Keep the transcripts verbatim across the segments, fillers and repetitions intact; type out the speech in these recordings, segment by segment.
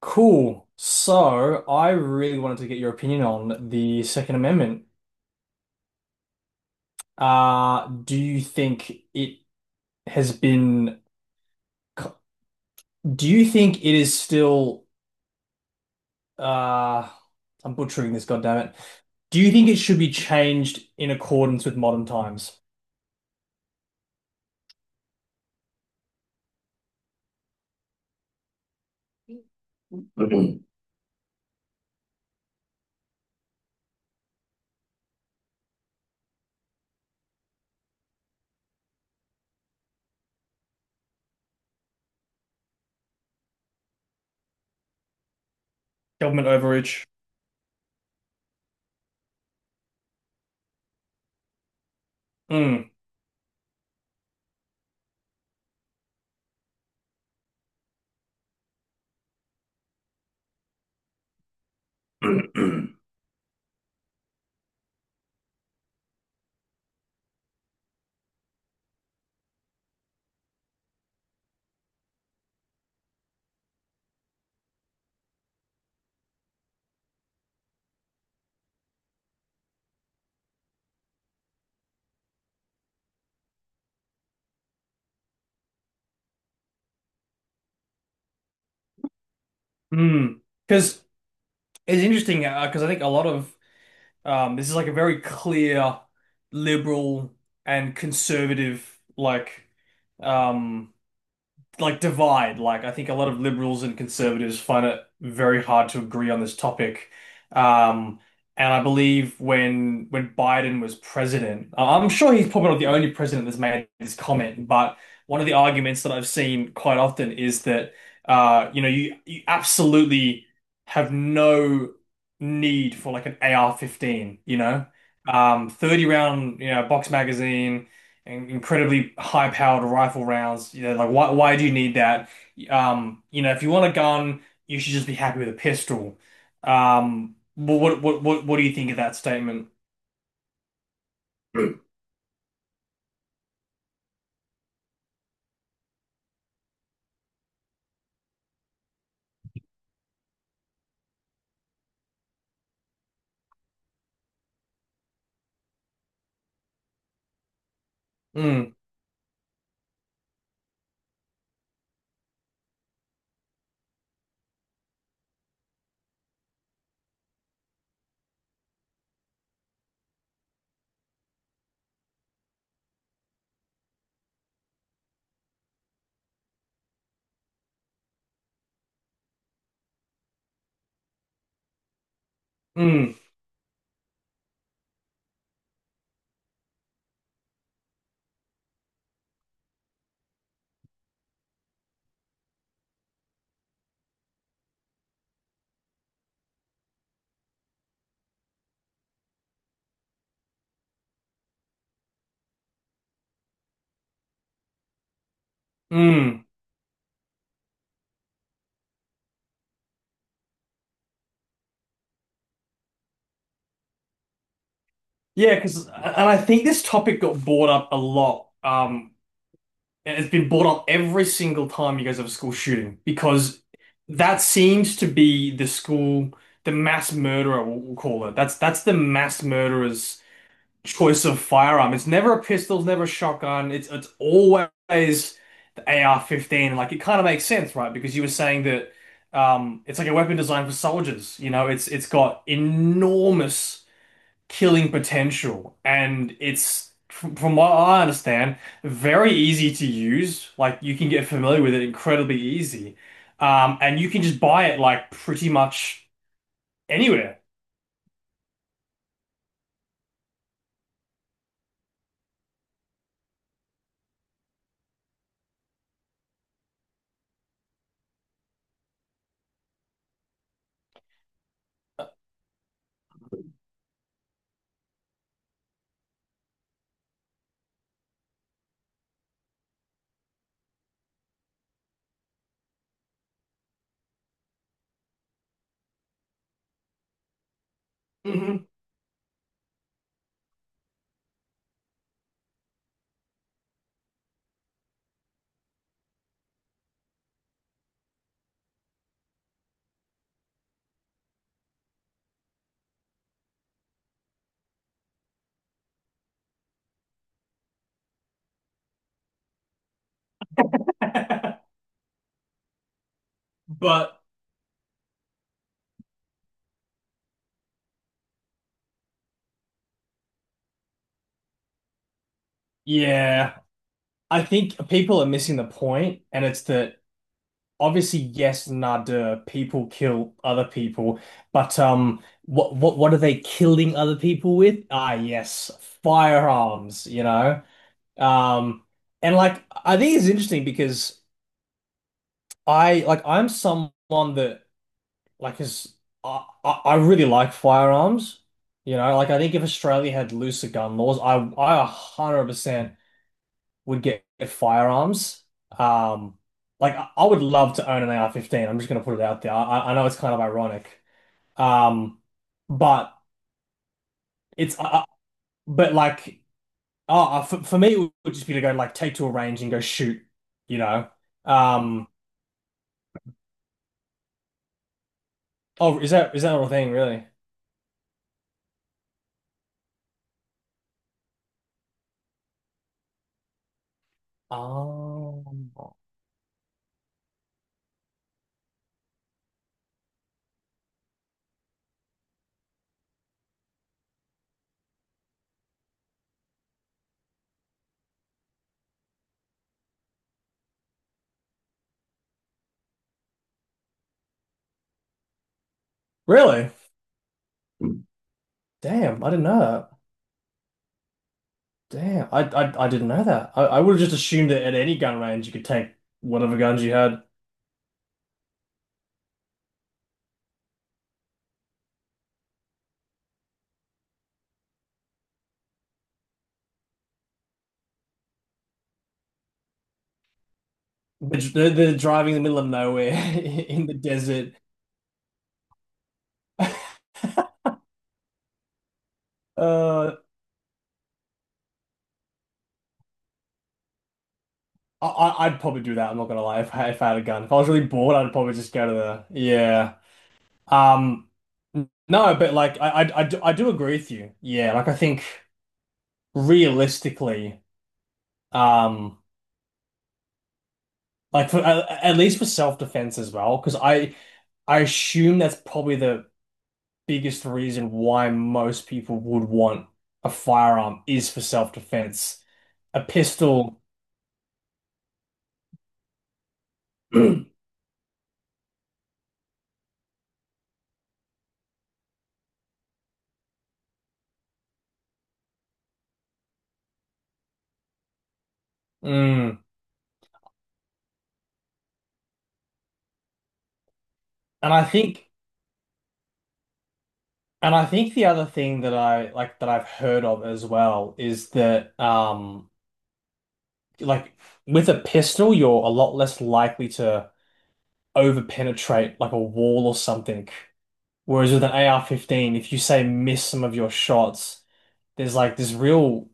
Cool. So I really wanted to get your opinion on the Second Amendment. Uh, do you think it has been, do you think it is still, uh, I'm butchering this, goddammit. Do you think it should be changed in accordance with modern times? Government overreach. Mm. Mm. Because it's interesting, uh because I think a lot of Um, this is like a very clear liberal and conservative like um like divide. Like I think a lot of liberals and conservatives find it very hard to agree on this topic. Um, and I believe when when Biden was president, I- I'm sure he's probably not the only president that's made this comment, but one of the arguments that I've seen quite often is that uh, you know, you you absolutely have no need for like an A R fifteen, you know? Um, thirty round, you know, box magazine in- incredibly high-powered rifle rounds. You know, like why why do you need that? Um, you know, if you want a gun, you should just be happy with a pistol. Um, wh- what what what what do you think of that statement? Mm, mm, mm. Yeah, because and I think this topic got brought up a lot. Um, and it's been brought up every single time you guys have a school shooting because that seems to be the school, the mass murderer, we'll we'll call it. That's that's the mass murderer's choice of firearm. It's never a pistol, it's never a shotgun. It's it's always the A R fifteen. Like it kind of makes sense, right? Because you were saying that um, it's like a weapon designed for soldiers. You know, it's it's got enormous killing potential, and it's from, from what I understand, very easy to use. Like you can get familiar with it incredibly easy, um, and you can just buy it like pretty much anywhere. hmm But yeah. I think people are missing the point, and it's that obviously, yes, nada, people kill other people, but um, what what what are they killing other people with? Ah, yes, firearms, you know. Um, and like I think it's interesting because I like I'm someone that like is I I, I really like firearms, you know. Like I think if Australia had looser gun laws, I I one hundred percent would get firearms. Um, like I would love to own an A R fifteen. I'm just gonna put it out there. I, I know it's kind of ironic, um, but it's uh, but like oh uh, for, for me it would just be to go like take to a range and go shoot, you know. Um, oh, is that is that a thing really? Oh, really? Damn, I didn't know that. Damn, I I, I didn't know that. I, I would have just assumed that at any gun range you could take whatever guns you had. The, the, the driving in the middle of nowhere in the desert. Uh, I, I- I'd probably do that. I'm not gonna lie. If I, if I had a gun, if I was really bored, I'd probably just go to the yeah. Um, no, but like I, I, I do, I do agree with you. Yeah, like I think realistically, um, like for at, at least for self-defense as well, because I I assume that's probably the biggest reason why most people would want a firearm is for self-defense. A pistol. Mm. And I think and I think the other thing that I like that I've heard of as well is that um like with a pistol you're a lot less likely to over penetrate like a wall or something. Whereas with an A R fifteen, if you say miss some of your shots, there's like this real,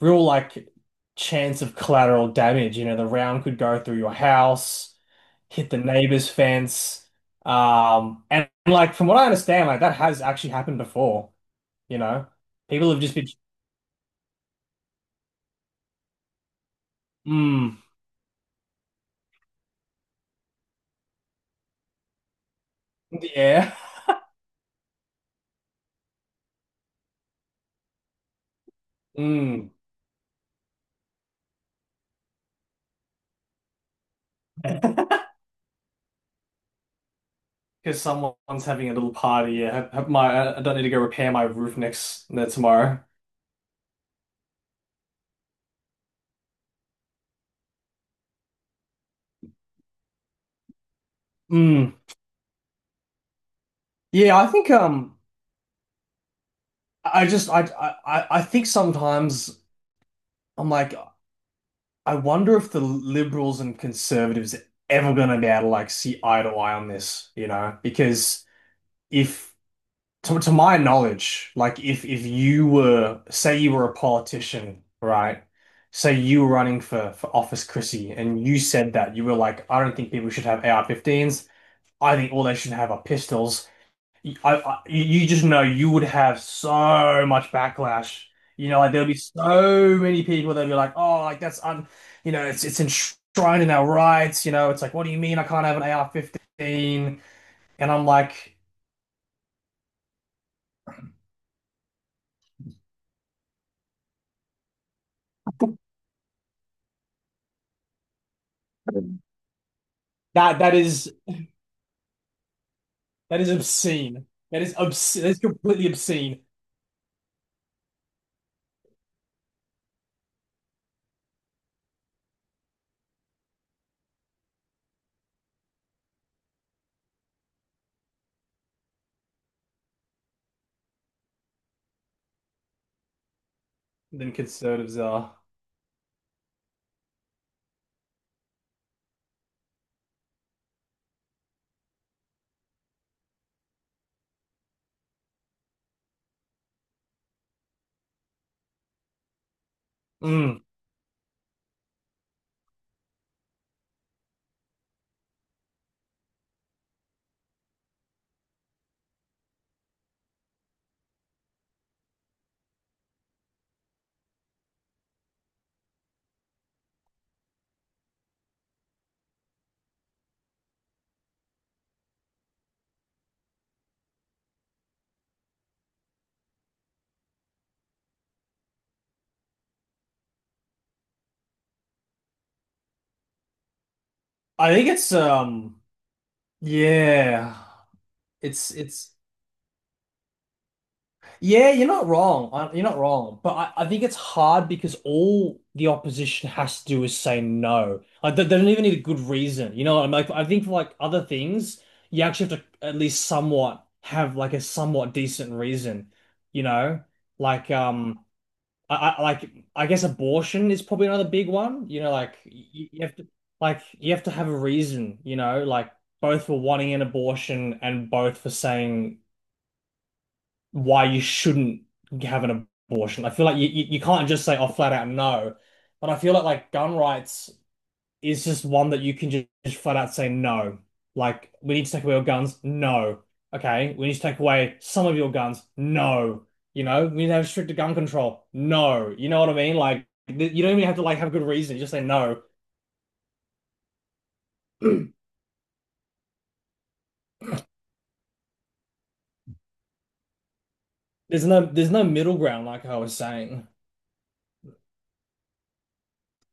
real like chance of collateral damage. You know, the round could go through your house, hit the neighbor's fence. Um, and like from what I understand, like that has actually happened before. You know, people have just been, mm, yeah, mm, because someone's having a little party. Yeah, have, have my I don't need to go repair my roof next no, tomorrow. Mm. Yeah, I think um I just I I I I think sometimes I'm like I wonder if the liberals and conservatives are ever going to be able to like see eye to eye on this, you know? Because if, to, to my knowledge, like if if you were, say you were a politician, right? Say you were running for for office, Chrissy, and you said that you were like, I don't think people should have A R fifteens. I think all they should have are pistols. I, I, you just know you would have so much backlash. You know, like there'll be so many people that'll be like, "Oh, like that's un, you know, it's it's enshrined in our rights." You know, it's like, "What do you mean I can't have an ar fifteen?" And I'm like, "That that is that is obscene. That is obscene. That is completely obscene." Than conservatives are. Mm. I think it's um yeah. It's it's yeah, you're not wrong. I, you're not wrong. But I, I think it's hard because all the opposition has to do is say no. Like they, they don't even need a good reason. You know what I'm like I think for like other things, you actually have to at least somewhat have like a somewhat decent reason, you know? Like um I, I like I guess abortion is probably another big one. You know, like you, you have to like you have to have a reason, you know, like both for wanting an abortion and both for saying why you shouldn't have an abortion. I feel like you, you, you can't just say, oh, flat out no. But I feel like like gun rights is just one that you can ju- just, flat out say no. Like, we need to take away your guns. No. Okay. We need to take away some of your guns. No. You know, we need to have stricter gun control. No. You know what I mean? Like, you don't even have to like have a good reason. You just say no. There's no, there's no middle ground, like I was saying.